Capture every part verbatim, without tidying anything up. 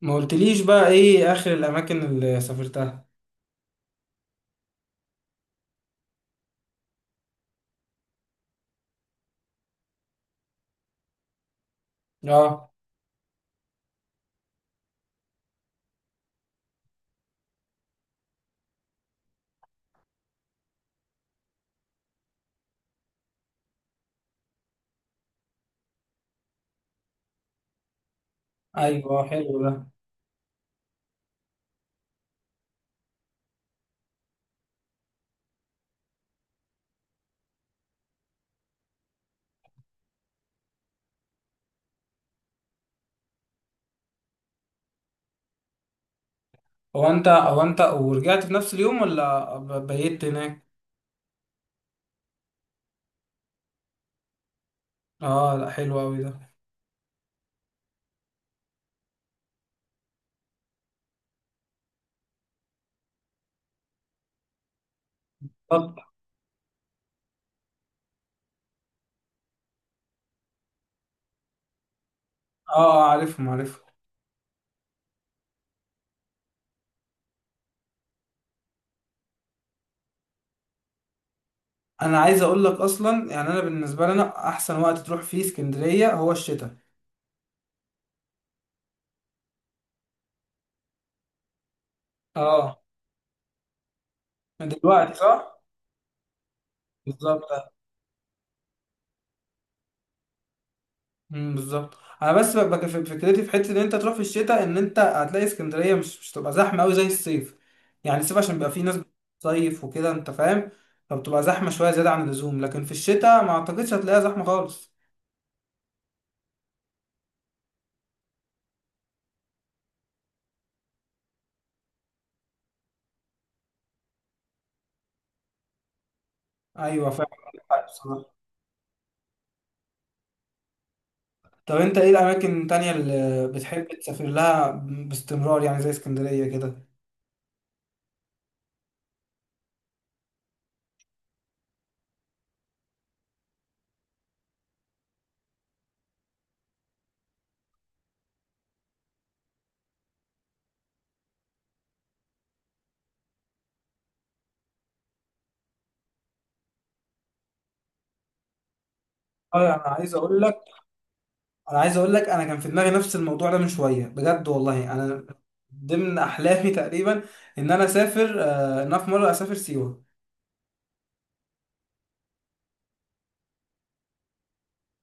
ما قلتليش بقى ايه اخر الاماكن اللي سافرتها؟ اه. ايوه، حلو ده. هو انت هو انت ورجعت في نفس اليوم ولا ب- بيت هناك؟ اه، لا حلو قوي ده. طب. اه، آه، عارفهم عارفهم. انا عايز اقول لك اصلا، يعني انا بالنسبه لنا احسن وقت تروح فيه اسكندريه هو الشتاء. اه. من دلوقتي صح؟ بالظبط. امم بالظبط، انا بس ببقى في- فكرتي في حته ان انت تروح في الشتاء، ان انت هتلاقي اسكندريه مش مش تبقى زحمه قوي زي الصيف. يعني الصيف عشان بيبقى فيه ناس بتصيف وكده، انت فاهم؟ فبتبقى زحمه شويه زياده عن اللزوم، لكن في الشتاء ما اعتقدش هتلاقيها زحمه خالص. ايوه، فعلا عندك حق بصراحه. طب انت ايه الاماكن التانيه اللي بتحب تسافر لها باستمرار، يعني زي اسكندريه كده؟ اه، انا عايز اقول لك انا عايز اقول لك انا كان في دماغي نفس الموضوع ده من شويه، بجد والله انا ضمن احلامي تقريبا. ان انا اسافر آه، ان انا في مره اسافر سيوه.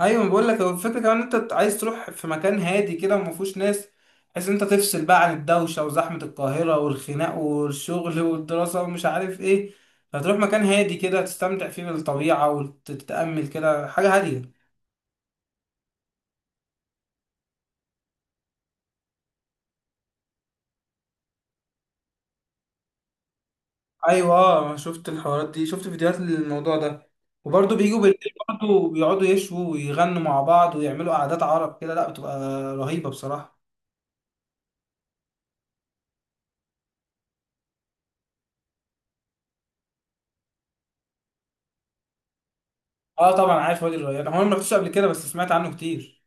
ايوه، بقول لك هو الفكره كمان، إن انت عايز تروح في مكان هادي كده وما فيهوش ناس، بحيث إن انت تفصل بقى عن الدوشه وزحمه القاهره والخناق والشغل والدراسه ومش عارف ايه. هتروح مكان هادي كده، تستمتع فيه بالطبيعه وتتامل كده حاجه هاديه. ايوه، آه، أنا شفت الحوارات دي، شفت فيديوهات للموضوع ده. وبرضه بيجوا بالليل، برضه بيقعدوا يشووا ويغنوا مع بعض ويعملوا قعدات عرب كده، لا بتبقى رهيبه بصراحه. اه طبعا، عارف وادي الريان، هو أنا ما رحتوش قبل كده بس سمعت عنه كتير.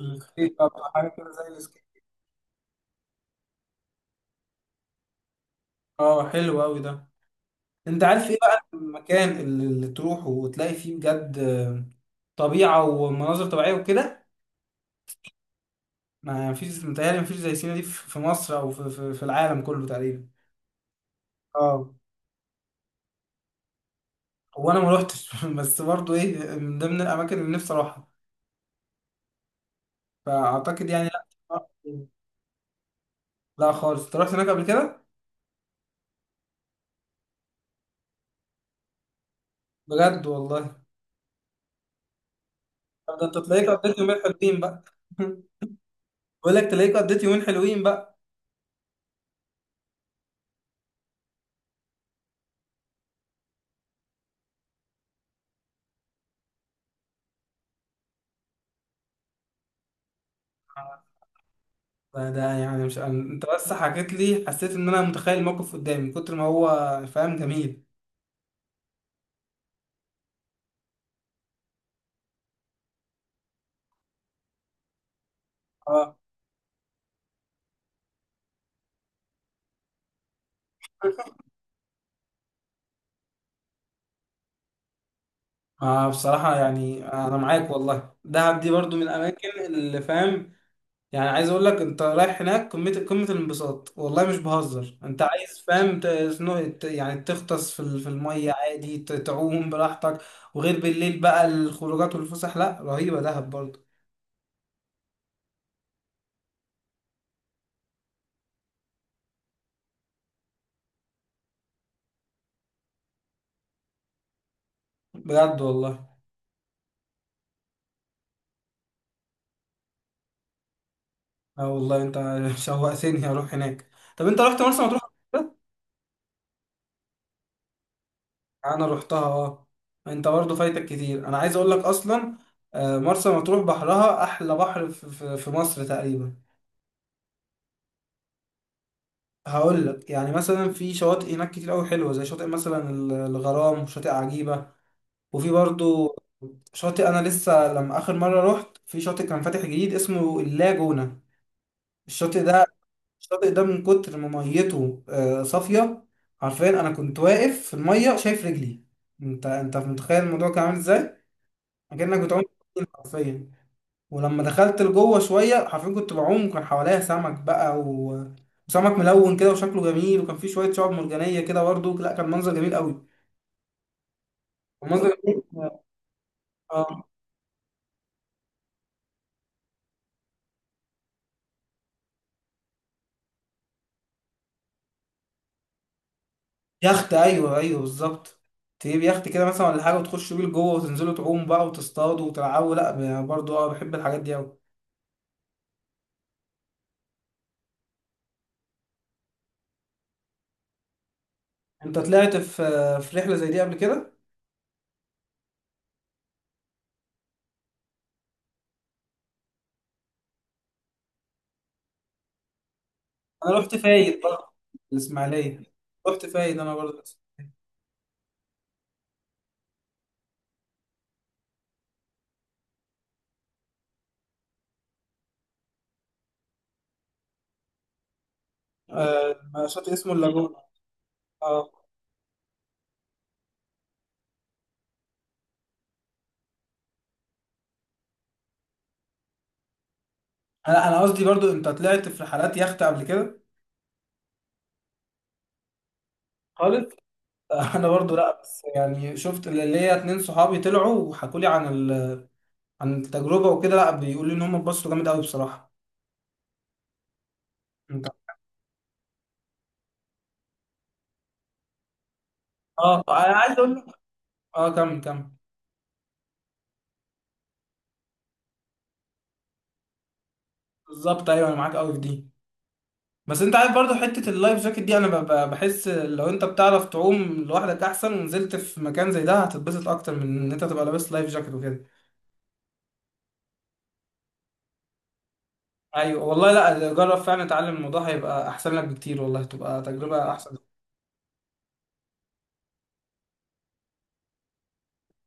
السكيت بقى، بتبقى حاجه كده زي السكيت. اه، حلو قوي ده. انت عارف ايه بقى المكان اللي اللي تروحه وتلاقي فيه بجد آه، طبيعه ومناظر طبيعيه وكده؟ ما فيش متهيألي ما فيش زي سينا دي في في مصر، او في في في العالم كله تقريبا. اه. هو انا ما روحتش بس برضه ايه، من ضمن الاماكن اللي نفسي اروحها، فاعتقد يعني. لا. لا خالص، انت رحت هناك قبل كده؟ بجد والله؟ طب ده انت تلاقيك قضيت يومين حلوين بقى. بقول لك تلاقيك قضيت يومين حلوين بقى. فده يعني مش انت بس حكيت لي، حسيت ان انا متخيل الموقف قدامي من كتر ما هو فاهم، جميل. اه، آه، بصراحة يعني أنا معاك والله، دهب دي برضو من الأماكن اللي فاهم يعني. عايز اقول لك، انت رايح هناك قمه قمه الانبساط والله مش بهزر، انت عايز فاهم ت- سنو- ت- يعني تغطس في ال- في الميه عادي، ت- تعوم براحتك. وغير بالليل بقى الخروجات والفسح، لا رهيبه دهب برضه. بجد والله. اه والله انت شوقتني اروح هناك. طب انت رحت مرسى مطروح قبل كده؟ انا رحتها اه. انت برضه فايتك كتير، انا عايز اقول لك اصلا، آه، مرسى مطروح بحرها احلى بحر في في في مصر تقريبا. هقول لك، يعني مثلا في شواطئ هناك كتير قوي حلوه، زي شاطئ مثلا ال- الغرام وشاطئ عجيبه. وفي برضو شاطئ، انا لسه لما اخر مره رحت في شاطئ كان فاتح جديد اسمه اللاجونه. الشاطئ ده، الشاطئ ده من كتر ما ميته آه، صافيه، حرفيا انا كنت واقف في الميه شايف رجلي. انت انت متخيل الموضوع كان عامل ازاي؟ اكنك بتعوم حرفيا. ولما دخلت لجوه شويه، حرفيا كنت بعوم وكان حواليا سمك بقى و... وسمك ملون كده وشكله جميل، وكان فيه شويه شعاب مرجانيه كده برضه، لا كان منظر جميل قوي. المنظر جميل. اه، يخت، ايوه ايوه بالظبط. تجيب يخت كده مثلا ولا حاجه وتخشوا بيه لجوه وتنزلوا تعوموا بقى وتصطادوا وتلعبوا، لا برضه اه بحب الحاجات دي قوي. انت طلعت في في رحله زي دي قبل كده؟ انا رحت فايد برضه، الاسماعيليه، رحت فايد انا برضه. آه، شاطئ اسمه اللاجون. اه، انا انا قصدي برضو، انت طلعت في رحلات يخت قبل كده؟ خالص. انا برضو لا، بس يعني شفت اللي اللي هي اتنين صحابي طلعوا وحكوا لي عن ال... عن التجربه وكده، لا بيقولوا لي ان هم اتبسطوا جامد قوي بصراحه. انت اه، انا عايز اقول لك. اه، كمل كمل. بالظبط ايوه، انا معاك قوي في دي. بس انت عارف برضو حته اللايف جاكيت دي، انا ب... ب- بحس لو انت بتعرف تعوم لوحدك احسن، ونزلت في مكان زي ده هتتبسط اكتر من ان انت تبقى لابس لايف جاكيت وكده. ايوه والله، لا جرب فعلا اتعلم، الموضوع هيبقى احسن لك بكتير والله، تبقى تجربه احسن.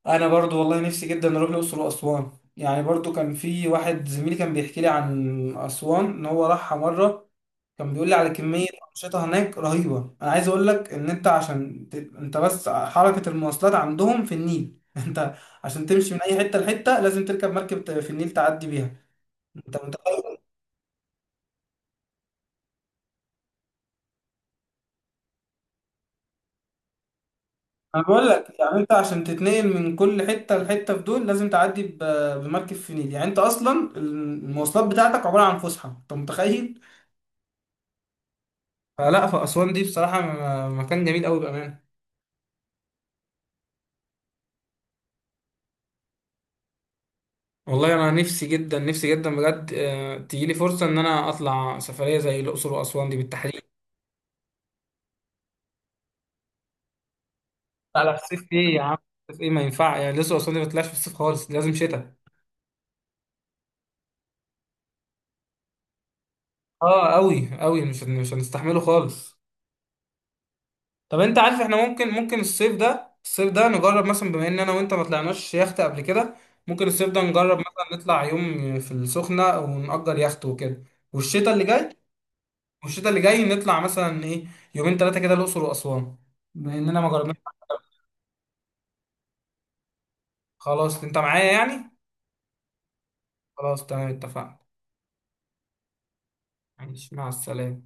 انا برضو والله نفسي جدا اروح الاقصر واسوان، يعني برضو كان في واحد زميلي كان بيحكي لي عن اسوان، ان هو راحها مره. كان بيقول لي على كميه انشطه هناك رهيبه. انا عايز اقول لك ان انت عشان ت... انت بس حركه المواصلات عندهم في النيل انت عشان تمشي من اي حته لحته لازم تركب مركب ت- في النيل تعدي بيها. انت متخيل؟ انا بقول لك يعني، انت عشان تتنقل من كل حته لحته في دول لازم تعدي ب... بمركب في النيل، يعني انت اصلا المواصلات بتاعتك عباره عن فسحه، انت متخيل؟ فلا فأسوان دي بصراحة، م- مكان جميل أوي بأمانة. والله أنا نفسي جدا نفسي جدا بجد آه، تجيلي فرصة إن أنا أطلع سفرية زي الأقصر وأسوان دي بالتحديد. لا لا، في الصيف إيه يا عم، في الصيف إيه ما ينفع، يعني الأقصر وأسوان دي ما تطلعش في الصيف خالص، دي لازم شتاء. أه، أوي أوي، مش هن- مش هنستحمله خالص. طب أنت عارف، إحنا ممكن ممكن الصيف ده الصيف ده نجرب مثلا، بما إن أنا وأنت ما طلعناش يخت قبل كده، ممكن الصيف ده نجرب مثلا نطلع يوم في السخنة ونأجر يخت وكده. والشتاء اللي جاي، والشتاء اللي جاي نطلع مثلا ايه يومين ثلاثه كده الاقصر واسوان، بما اننا ما جربناش. خلاص، انت معايا يعني؟ خلاص، تمام، اتفقنا. ماشي، مع السلامه.